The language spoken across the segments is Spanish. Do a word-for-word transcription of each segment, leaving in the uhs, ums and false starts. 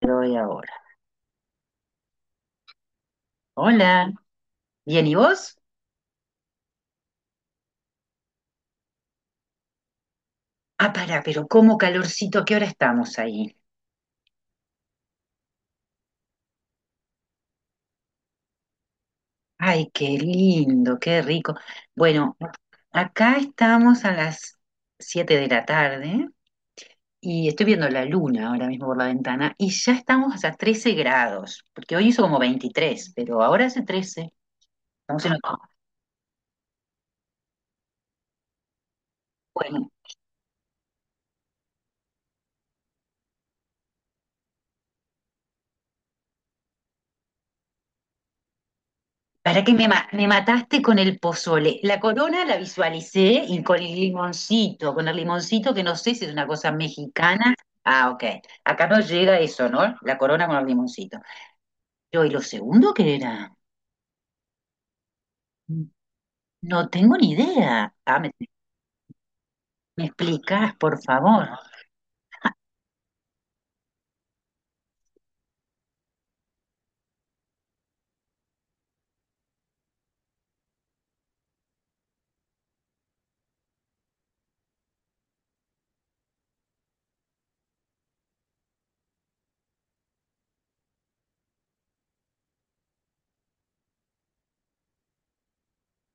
Doy ahora. Hola. Bien, ¿y vos? Ah, pará, pero cómo calorcito, ¿a qué hora estamos ahí? Ay, qué lindo, qué rico. Bueno, acá estamos a las siete de la tarde y estoy viendo la luna ahora mismo por la ventana y ya estamos a trece grados, porque hoy hizo como veintitrés pero ahora hace trece. Estamos en otoño. Bueno, para que me, ma- me mataste con el pozole. La corona la visualicé y con el limoncito, con el limoncito que no sé si es una cosa mexicana. Ah, ok. Acá no llega eso, ¿no? La corona con el limoncito. Yo, ¿y lo segundo qué era? No tengo ni idea. Ah, me, me explicás, por favor.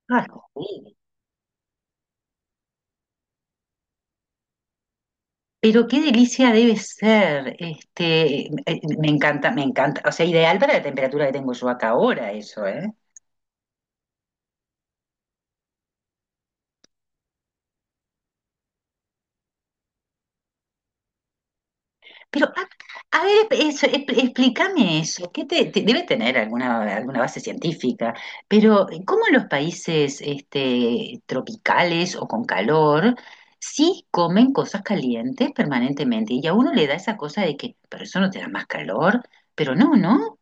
Ah, sí, pero qué delicia debe ser. Este, eh, me encanta, me encanta. O sea, ideal para la temperatura que tengo yo acá ahora, eso, ¿eh? Pero, a, a ver, eso, expl- explícame eso. ¿Qué te, te- debe tener alguna, alguna base científica, pero cómo en los países este, tropicales o con calor sí comen cosas calientes permanentemente? Y a uno le da esa cosa de que, pero eso no te da más calor, pero no, ¿no?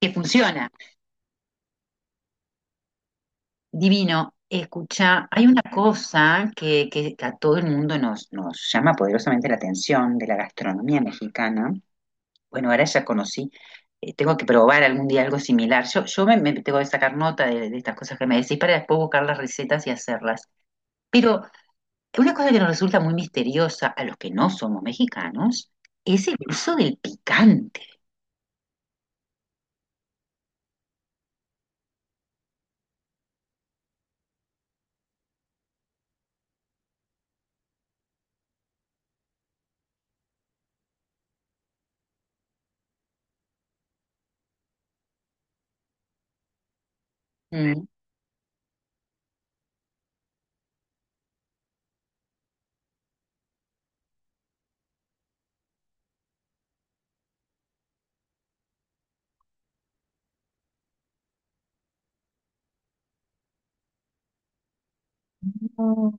Que funciona. Divino. Escucha, hay una cosa que, que a todo el mundo nos, nos llama poderosamente la atención de la gastronomía mexicana. Bueno, ahora ya conocí. Eh, tengo que probar algún día algo similar. Yo, yo me, me tengo que sacar nota de, de estas cosas que me decís para después buscar las recetas y hacerlas. Pero una cosa que nos resulta muy misteriosa a los que no somos mexicanos es el uso del picante. Mm. No,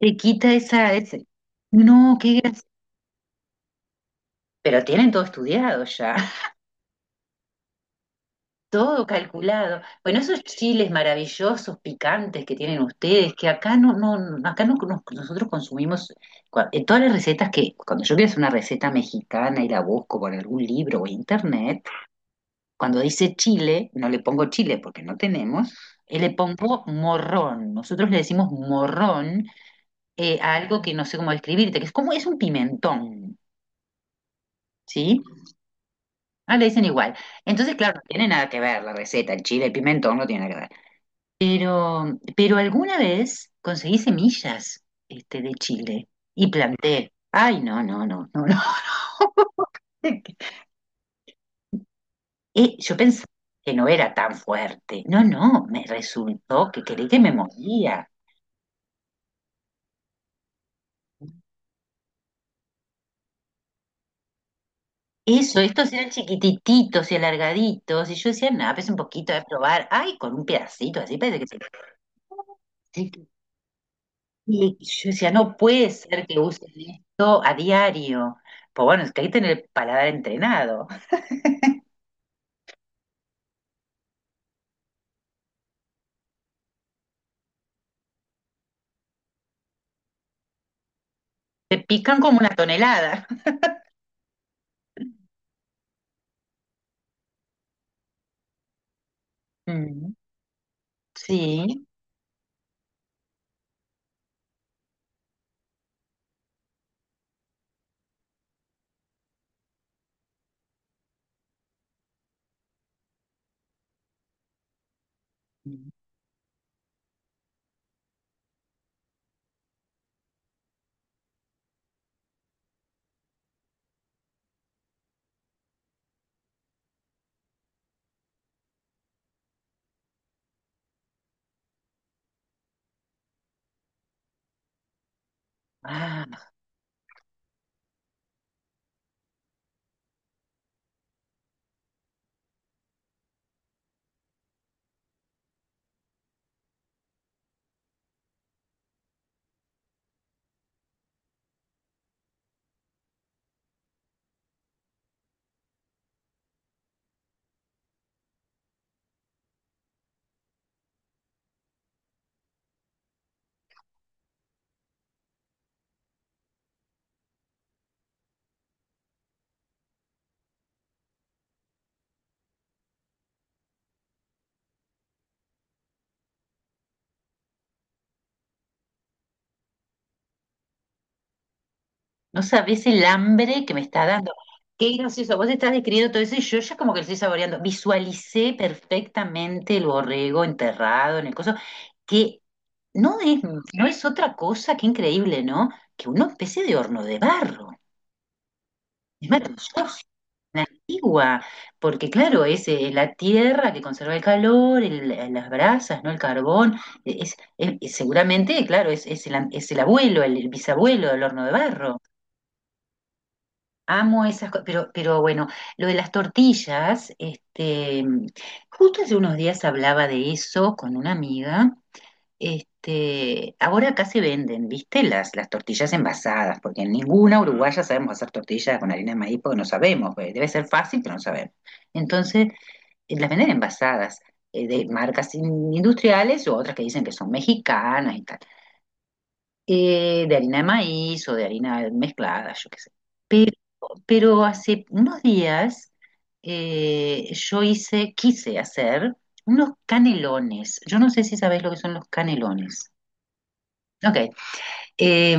te quita esa, ese-. No, qué gracia. Pero tienen todo estudiado ya. Todo calculado. Bueno, esos chiles maravillosos, picantes que tienen ustedes, que acá no, no, no- acá no, no- nosotros consumimos, cua- en todas las recetas que, cuando yo quiero hacer una receta mexicana y la busco por algún libro o internet, cuando dice chile, no le pongo chile porque no tenemos, eh, le pongo morrón. Nosotros le decimos morrón eh, a algo que no sé cómo describirte, que es como es un pimentón, ¿sí? Ah, le dicen igual. Entonces, claro, no tiene nada que ver la receta, el chile, el pimentón no tiene nada que ver. Pero, pero alguna vez conseguí semillas, este, de Chile, y planté. Ay, no, no, no, no, no. Eh, yo pensé que no era tan fuerte. No, no, me resultó que creí que me moría. Eso, estos eran chiquititos y alargaditos, y yo decía, nada, pues un poquito de probar. Ay, con un pedacito así, parece que se... Sí, y yo decía, no puede ser que usen esto a diario. Pues bueno, es que hay que tener el paladar entrenado. Te pican como una tonelada. Mm, sí. Ah, no sabés el hambre que me está dando. Qué gracioso. Vos estás describiendo todo eso y yo ya como que lo estoy saboreando. Visualicé perfectamente el borrego enterrado en el coso, que no es, no es otra cosa que increíble, ¿no? Que una especie de horno de barro. Es maravilloso. La antigua, porque claro, es eh, la tierra que conserva el calor, el- eh, las brasas, ¿no? El carbón, eh, es, es- es- seguramente, claro, es, es el, an- es el abuelo, el, el bisabuelo del horno de barro. Amo esas cosas, pero, pero bueno, lo de las tortillas, este, justo hace unos días hablaba de eso con una amiga, este, ahora acá se venden, ¿viste? Las, las tortillas envasadas, porque en ninguna uruguaya sabemos hacer tortillas con harina de maíz porque no sabemos, pues, debe ser fácil, pero no sabemos. Entonces, eh, las venden envasadas, eh, de marcas in- industriales o otras que dicen que son mexicanas y tal, eh, de harina de maíz o de harina mezclada, yo qué sé. Pero, pero hace unos días, eh, yo hice, quise hacer unos canelones. Yo no sé si sabés lo que son los canelones. Ok, eh,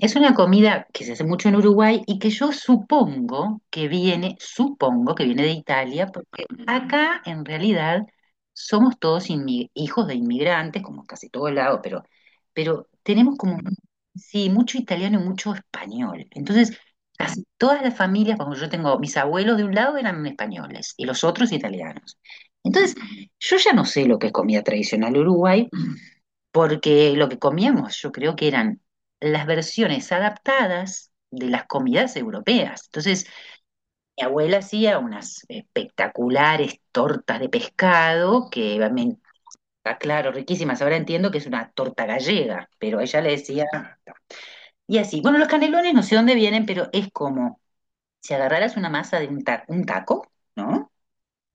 es una comida que se hace mucho en Uruguay y que yo supongo que viene, supongo que viene de Italia, porque acá en realidad somos todos inmi- hijos de inmigrantes, como en casi todo el lado, pero, pero tenemos como, sí, mucho italiano y mucho español. Entonces, casi todas las familias, como yo tengo, mis abuelos de un lado eran españoles y los otros italianos. Entonces, yo ya no sé lo que es comida tradicional uruguay, porque lo que comíamos yo creo que eran las versiones adaptadas de las comidas europeas. Entonces, mi abuela hacía unas espectaculares tortas de pescado que, me-. Ah, claro, riquísimas. Ahora entiendo que es una torta gallega, pero ella le decía... Y así, bueno, los canelones no sé dónde vienen, pero es como si agarraras una masa de un, ta- un taco, ¿no?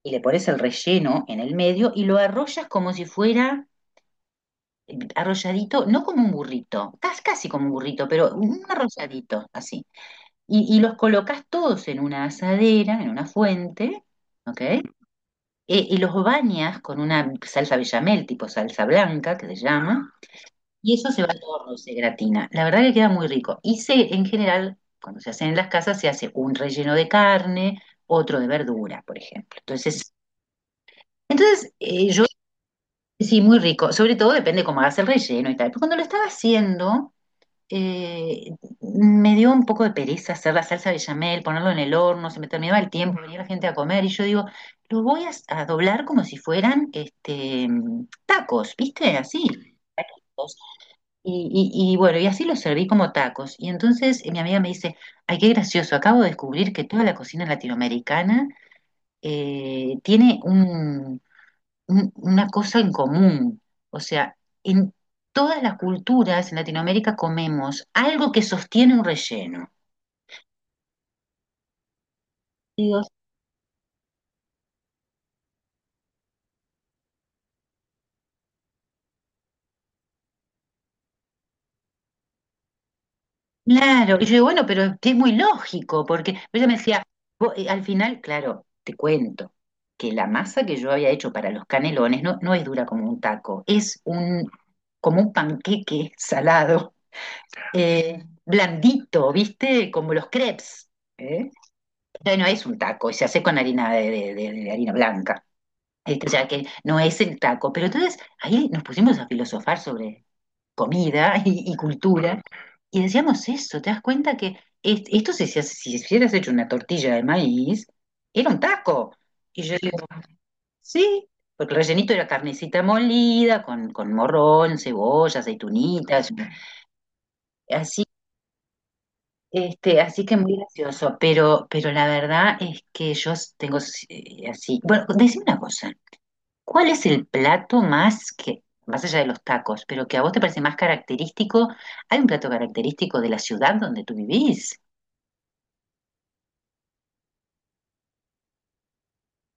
Y le pones el relleno en el medio y lo arrollas como si fuera arrolladito, no como un burrito, cas- casi como un burrito, pero un arrolladito, así. Y, y los colocas todos en una asadera, en una fuente, ¿ok? E- y los bañas con una salsa bechamel, tipo salsa blanca, que se llama, y eso se va al horno y se gratina. La verdad que queda muy rico. Y se, en general, cuando se hacen en las casas, se hace un relleno de carne, otro de verdura, por ejemplo. Entonces, entonces eh, yo... Sí, muy rico. Sobre todo depende cómo hagas el relleno y tal. Pero cuando lo estaba haciendo, eh, me dio un poco de pereza hacer la salsa bechamel, ponerlo en el horno, se me terminaba el tiempo, venía la gente a comer y yo digo, lo voy a, a doblar como si fueran este, tacos, ¿viste? Así. Y, y- y bueno, y así los serví como tacos. Y entonces, eh, mi amiga me dice, ay, qué gracioso, acabo de descubrir que toda la cocina latinoamericana, eh, tiene un, un- una cosa en común. O sea, en todas las culturas en Latinoamérica comemos algo que sostiene un relleno. Digo, claro. Y yo digo, bueno, pero es muy lógico, porque pero ella me decía, "Vos", eh, al final, claro, te cuento que la masa que yo había hecho para los canelones no, no es dura como un taco, es un, como un panqueque salado, eh, blandito, ¿viste? Como los crepes. ¿Eh? O no es un taco, y se hace con harina de, de- de- de harina blanca. Este, o sea que no es el taco. Pero entonces ahí nos pusimos a filosofar sobre comida y, y cultura, y decíamos eso, ¿te das cuenta que es- esto si, se hace- si hubieras hecho una tortilla de maíz, era un taco? Y yo digo, sí, porque el rellenito era carnecita molida, con, con morrón, cebolla, aceitunitas, así, este, así que muy gracioso. Pero, pero la verdad es que yo tengo, eh, así. Bueno, decime una cosa. ¿Cuál es el plato más que, más allá de los tacos, pero que a vos te parece más característico? ¿Hay un plato característico de la ciudad donde tú vivís?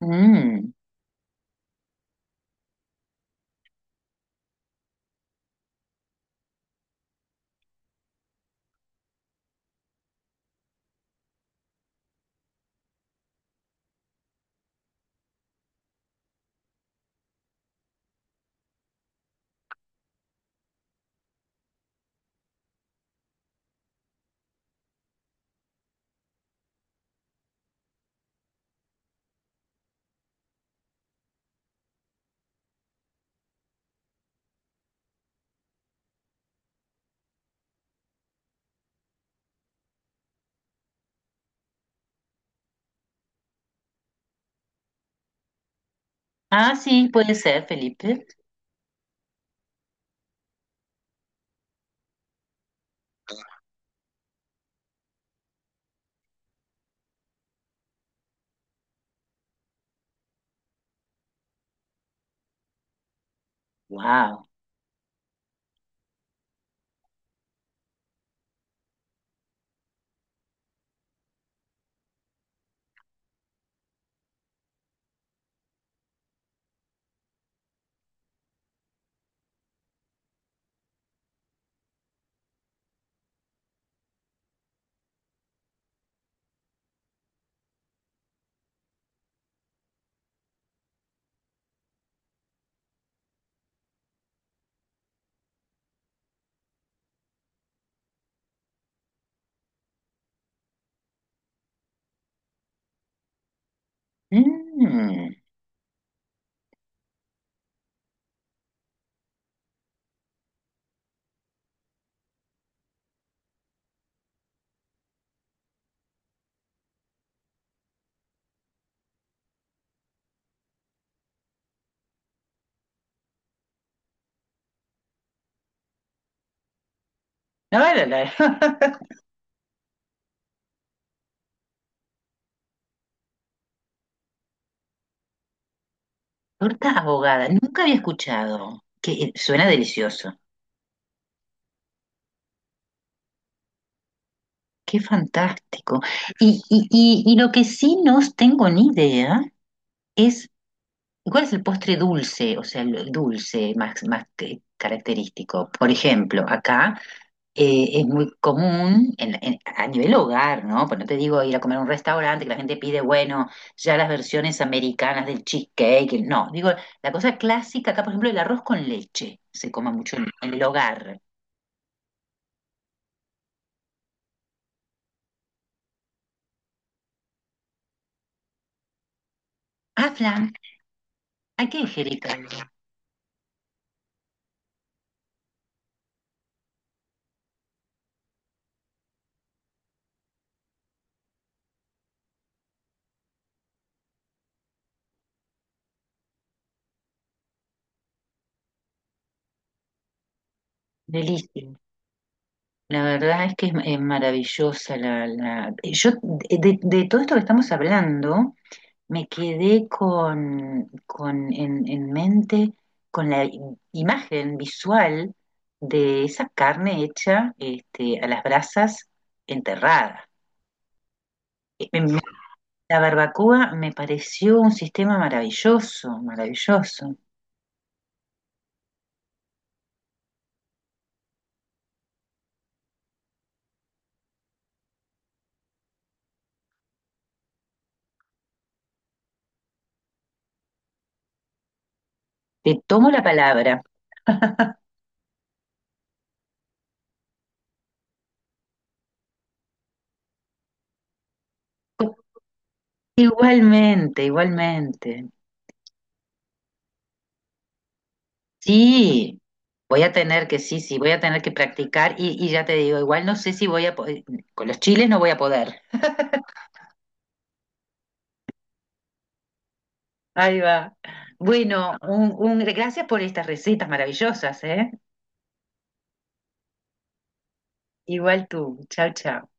Mm. Ah, sí, puede ser, Felipe. Wow. Mm. No, no, no. Torta abogada, nunca había escuchado. Que suena delicioso. Qué fantástico. Y, y, y, y lo que sí no tengo ni idea es, ¿cuál es el postre dulce? O sea, el el dulce más, más que- característico. Por ejemplo, acá, eh, es muy común en- en- a nivel hogar, ¿no? Pues no te digo ir a comer a un restaurante que la gente pide, bueno, ya las versiones americanas del cheesecake. el- No, digo, la cosa clásica acá, por ejemplo, el arroz con leche se come mucho en, en el hogar. Ah, flan, ¿a qué, Angélica? Delicia. La verdad es que es, es maravillosa la, la- yo, de, de todo esto que estamos hablando, me quedé con, con en, en mente con la i- imagen visual de esa carne hecha este, a las brasas enterrada. Eh, em, La barbacoa me pareció un sistema maravilloso, maravilloso. Te tomo la palabra. Igualmente, igualmente. Sí, voy a tener que, sí, sí, voy a tener que practicar y, y ya te digo, igual no sé si voy a, po- eh, con los chiles no voy a poder. Ahí va. Bueno, un, un, gracias por estas recetas maravillosas, ¿eh? Igual tú, chao, chao.